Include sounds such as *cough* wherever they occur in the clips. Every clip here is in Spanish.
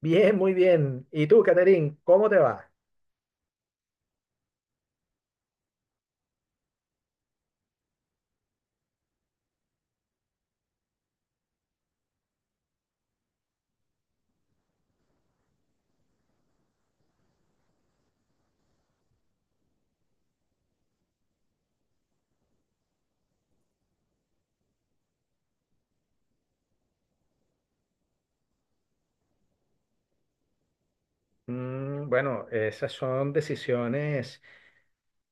Bien, muy bien. ¿Y tú, Caterín, cómo te va? Mm, bueno, esas son decisiones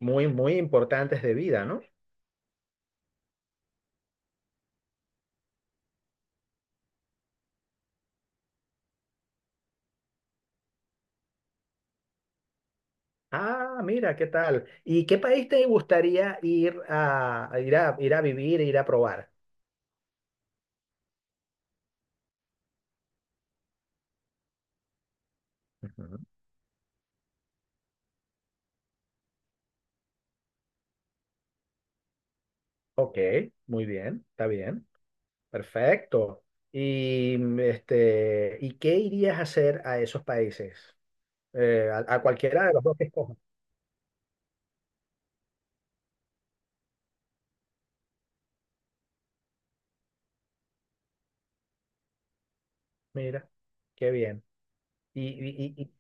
muy, muy importantes de vida, ¿no? Ah, mira, ¿qué tal? ¿Y qué país te gustaría ir a vivir, e ir a probar? Ujú. Ok, muy bien, está bien, perfecto. Y ¿y qué irías a hacer a esos países? A, a cualquiera de los dos que escojas. Mira, qué bien. Y-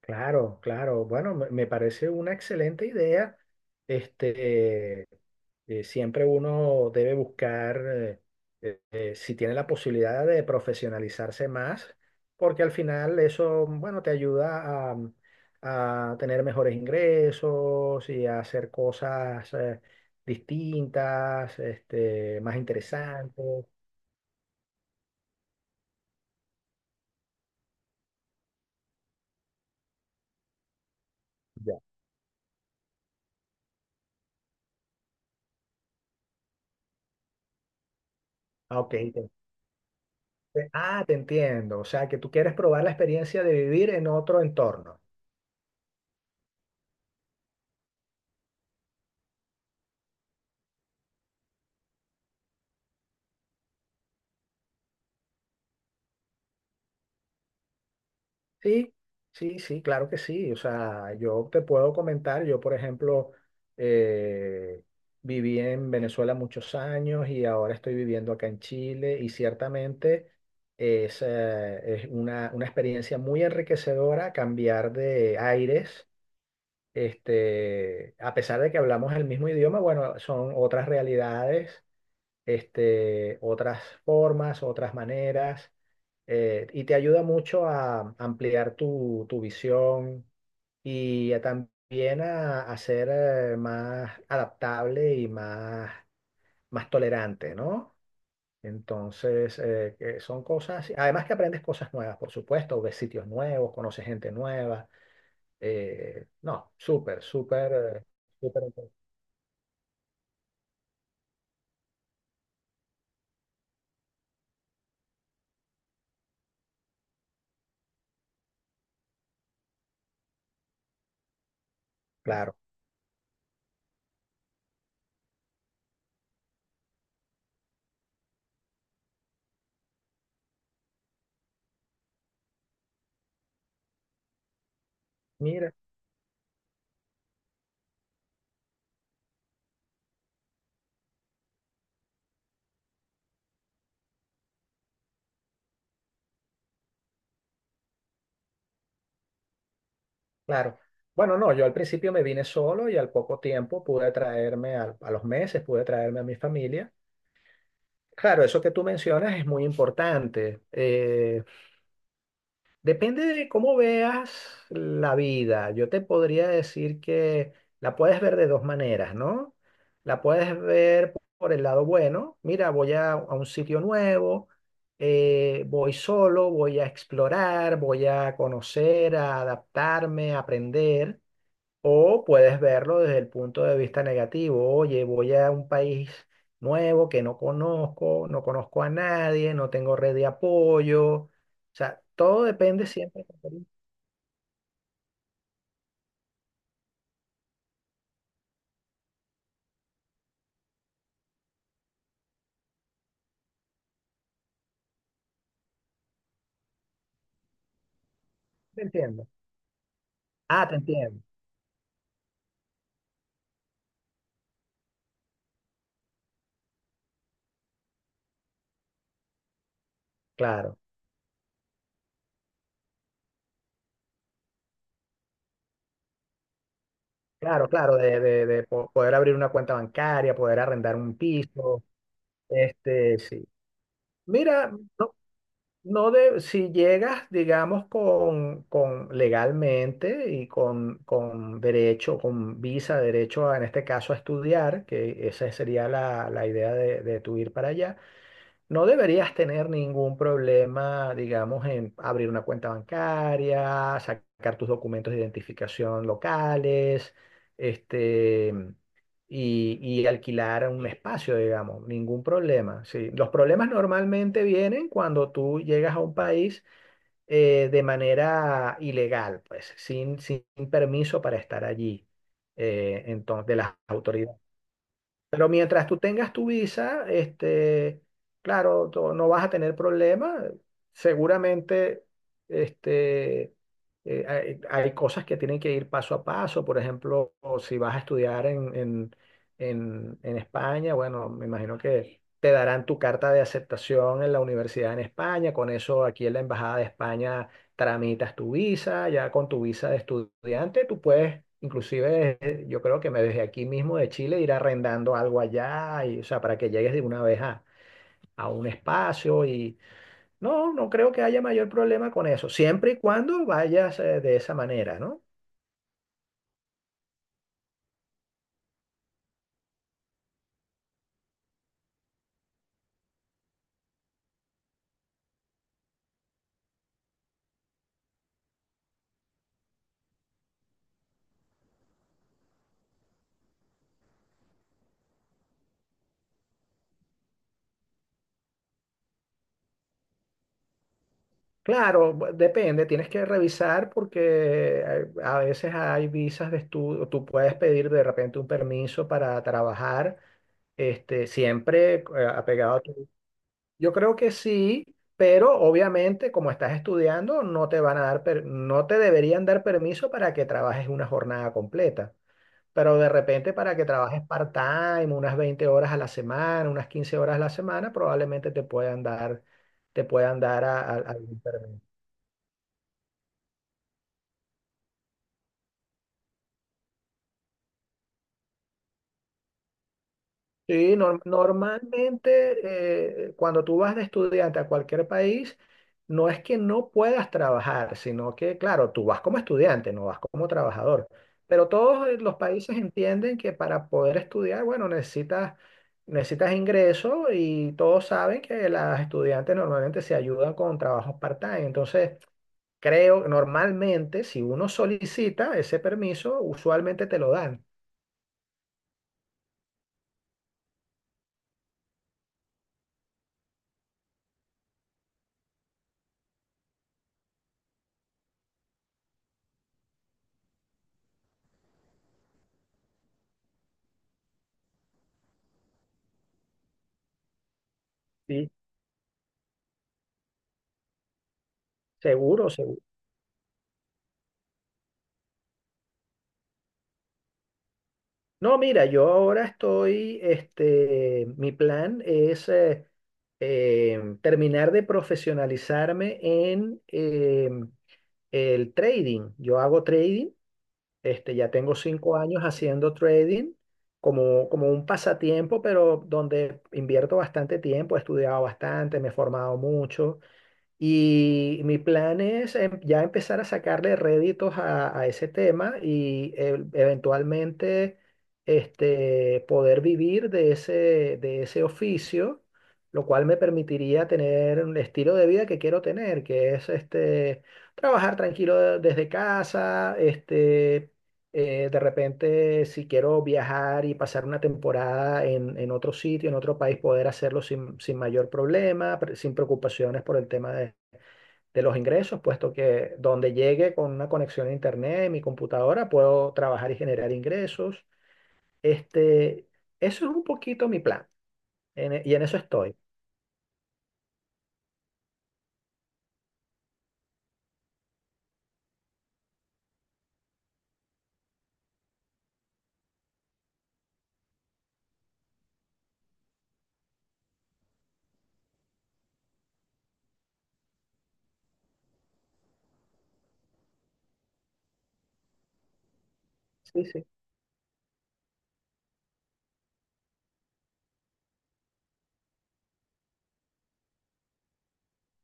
Claro, claro. Bueno, me parece una excelente idea. Este, Siempre uno debe buscar, si tiene la posibilidad de profesionalizarse más, porque al final eso, bueno, te ayuda a tener mejores ingresos y a hacer cosas, distintas, este, más interesantes. Ya. Ah, ok. Te entiendo. O sea, que tú quieres probar la experiencia de vivir en otro entorno. Sí, sí, sí, claro que sí. O sea, yo te puedo comentar, yo por ejemplo eh, viví en Venezuela muchos años y ahora estoy viviendo acá en Chile y ciertamente es una experiencia muy enriquecedora cambiar de aires. Este, a pesar de que hablamos el mismo idioma, bueno, son otras realidades este, otras formas, otras maneras, y te ayuda mucho a ampliar tu, tu visión y a también a ser más adaptable y más, más tolerante, ¿no? Entonces, que son cosas, además que aprendes cosas nuevas, por supuesto, ves sitios nuevos, conoces gente nueva, no, súper, súper, súper, claro. Mira. Claro. Bueno, no, yo al principio me vine solo y al poco tiempo pude traerme, los meses pude traerme a mi familia. Claro, eso que tú mencionas es muy importante. Depende de cómo veas la vida. Yo te podría decir que la puedes ver de dos maneras, ¿no? La puedes ver por el lado bueno. Mira, voy a un sitio nuevo, voy solo, voy a explorar, voy a conocer, a adaptarme, a aprender. O puedes verlo desde el punto de vista negativo. Oye, voy a un país nuevo que no conozco, no conozco a nadie, no tengo red de apoyo. O sea, todo depende siempre. ¿Te entiendo? Ah, te entiendo. Claro, claro, claro. De, poder abrir una cuenta bancaria, poder arrendar un piso. Este, sí. Mira, No de, si llegas, digamos, con legalmente y con derecho, con visa, derecho a, en este caso a estudiar, que esa sería la, la idea de tu ir para allá, no deberías tener ningún problema, digamos, en abrir una cuenta bancaria, sacar tus documentos de identificación locales, este, y alquilar un espacio, digamos, ningún problema. Sí. Los problemas normalmente vienen cuando tú llegas a un país de manera ilegal, pues, sin, sin permiso para estar allí, entonces, de las autoridades. Pero mientras tú tengas tu visa, este, claro, no vas a tener problema. Seguramente, este, hay, hay cosas que tienen que ir paso a paso. Por ejemplo, o si vas a estudiar en España, bueno, me imagino que te darán tu carta de aceptación en la universidad en España. Con eso, aquí en la Embajada de España tramitas tu visa, ya con tu visa de estudiante, tú puedes, inclusive yo creo que me desde aquí mismo de Chile ir arrendando algo allá, y, o sea, para que llegues de una vez a un espacio y no, no creo que haya mayor problema con eso, siempre y cuando vayas de esa manera, ¿no? Claro, depende, tienes que revisar porque a veces hay visas de estudio, tú puedes pedir de repente un permiso para trabajar este, siempre apegado. Yo creo que sí, pero obviamente como estás estudiando no te van a dar, no te deberían dar permiso para que trabajes una jornada completa, pero de repente para que trabajes part-time, unas 20 horas a la semana, unas 15 horas a la semana, probablemente te puedan dar algún permiso. Sí, normalmente cuando tú vas de estudiante a cualquier país, no es que no puedas trabajar, sino que, claro, tú vas como estudiante, no vas como trabajador. Pero todos los países entienden que para poder estudiar, bueno, necesitas, necesitas ingreso y todos saben que las estudiantes normalmente se ayudan con trabajos part-time. Entonces, creo, normalmente, si uno solicita ese permiso, usualmente te lo dan. Sí. Seguro, seguro. No, mira, yo ahora estoy, este, mi plan es terminar de profesionalizarme en el trading. Yo hago trading, este, ya tengo 5 años haciendo trading como, como un pasatiempo, pero donde invierto bastante tiempo, he estudiado bastante, me he formado mucho. Y mi plan es ya empezar a sacarle réditos a ese tema y eventualmente este, poder vivir de ese oficio, lo cual me permitiría tener el estilo de vida que quiero tener, que es este, trabajar tranquilo desde casa, este, de repente si quiero viajar y pasar una temporada en otro sitio, en otro país, poder hacerlo sin, sin mayor problema, sin preocupaciones por el tema de los ingresos, puesto que donde llegue con una conexión a internet en mi computadora puedo trabajar y generar ingresos. Este, eso es un poquito mi plan en y en eso estoy. Sí, sí.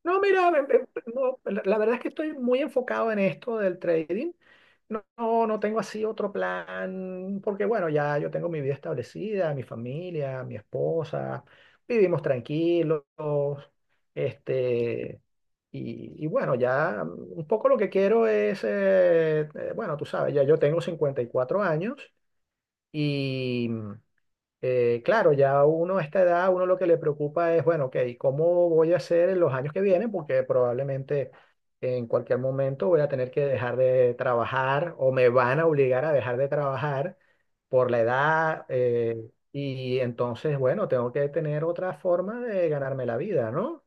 No, mira, no, la verdad es que estoy muy enfocado en esto del trading. No, no, no tengo así otro plan, porque bueno, ya yo tengo mi vida establecida, mi familia, mi esposa, vivimos tranquilos, este, y bueno, ya mm, un poco lo que quiero es, bueno, tú sabes, ya yo tengo 54 años y claro, ya uno a esta edad, uno lo que le preocupa es, bueno, ok, ¿cómo voy a hacer en los años que vienen? Porque probablemente en cualquier momento voy a tener que dejar de trabajar o me van a obligar a dejar de trabajar por la edad. Y entonces, bueno, tengo que tener otra forma de ganarme la vida, ¿no?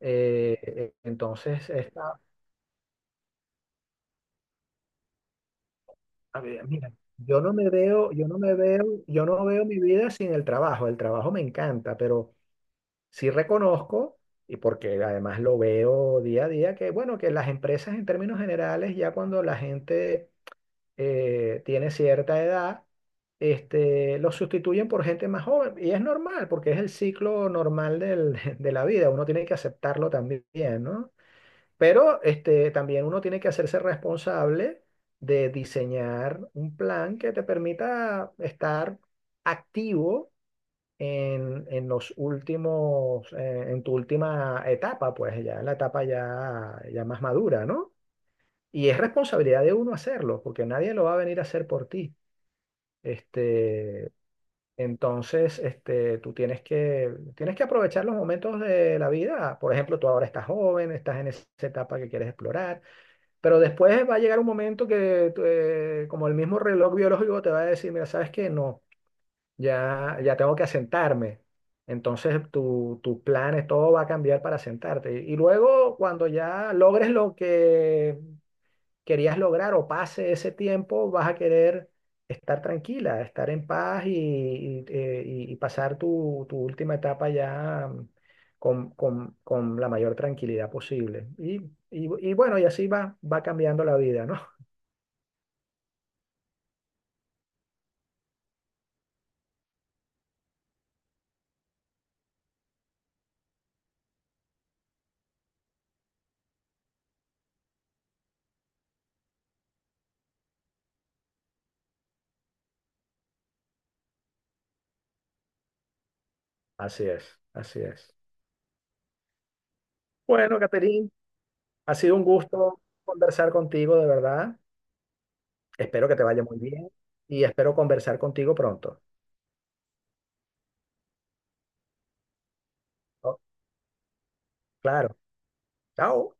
Entonces, esta, a ver, mira, yo no me veo, yo no veo mi vida sin el trabajo. El trabajo me encanta, pero... Sí reconozco, y porque además lo veo día a día, que bueno, que las empresas en términos generales, ya cuando la gente tiene cierta edad, este, los sustituyen por gente más joven. Y es normal, porque es el ciclo normal *laughs* de la vida. Uno tiene que aceptarlo también, ¿no? Pero este, también uno tiene que hacerse responsable de diseñar un plan que te permita estar activo en los últimos, en tu última etapa, pues ya en la etapa ya, ya más madura, ¿no? Y es responsabilidad de uno hacerlo, porque nadie lo va a venir a hacer por ti. Este, entonces, este, tú tienes que aprovechar los momentos de la vida. Por ejemplo, tú ahora estás joven, estás en esa etapa que quieres explorar, pero después va a llegar un momento que, como el mismo reloj biológico te va a decir, mira, ¿sabes qué? No ya, ya tengo que asentarme. Entonces tu, tus planes, todo va a cambiar para asentarte. Y luego cuando ya logres lo que querías lograr o pase ese tiempo, vas a querer estar tranquila, estar en paz y, y pasar tu, tu última etapa ya mm, con, con la mayor tranquilidad posible. Y bueno, y así va, va cambiando la vida, ¿no? *laughs* Así es, así es. Bueno, Caterina. Ha sido un gusto conversar contigo, de verdad. Espero que te vaya muy bien y espero conversar contigo pronto. Oh, claro. Chao.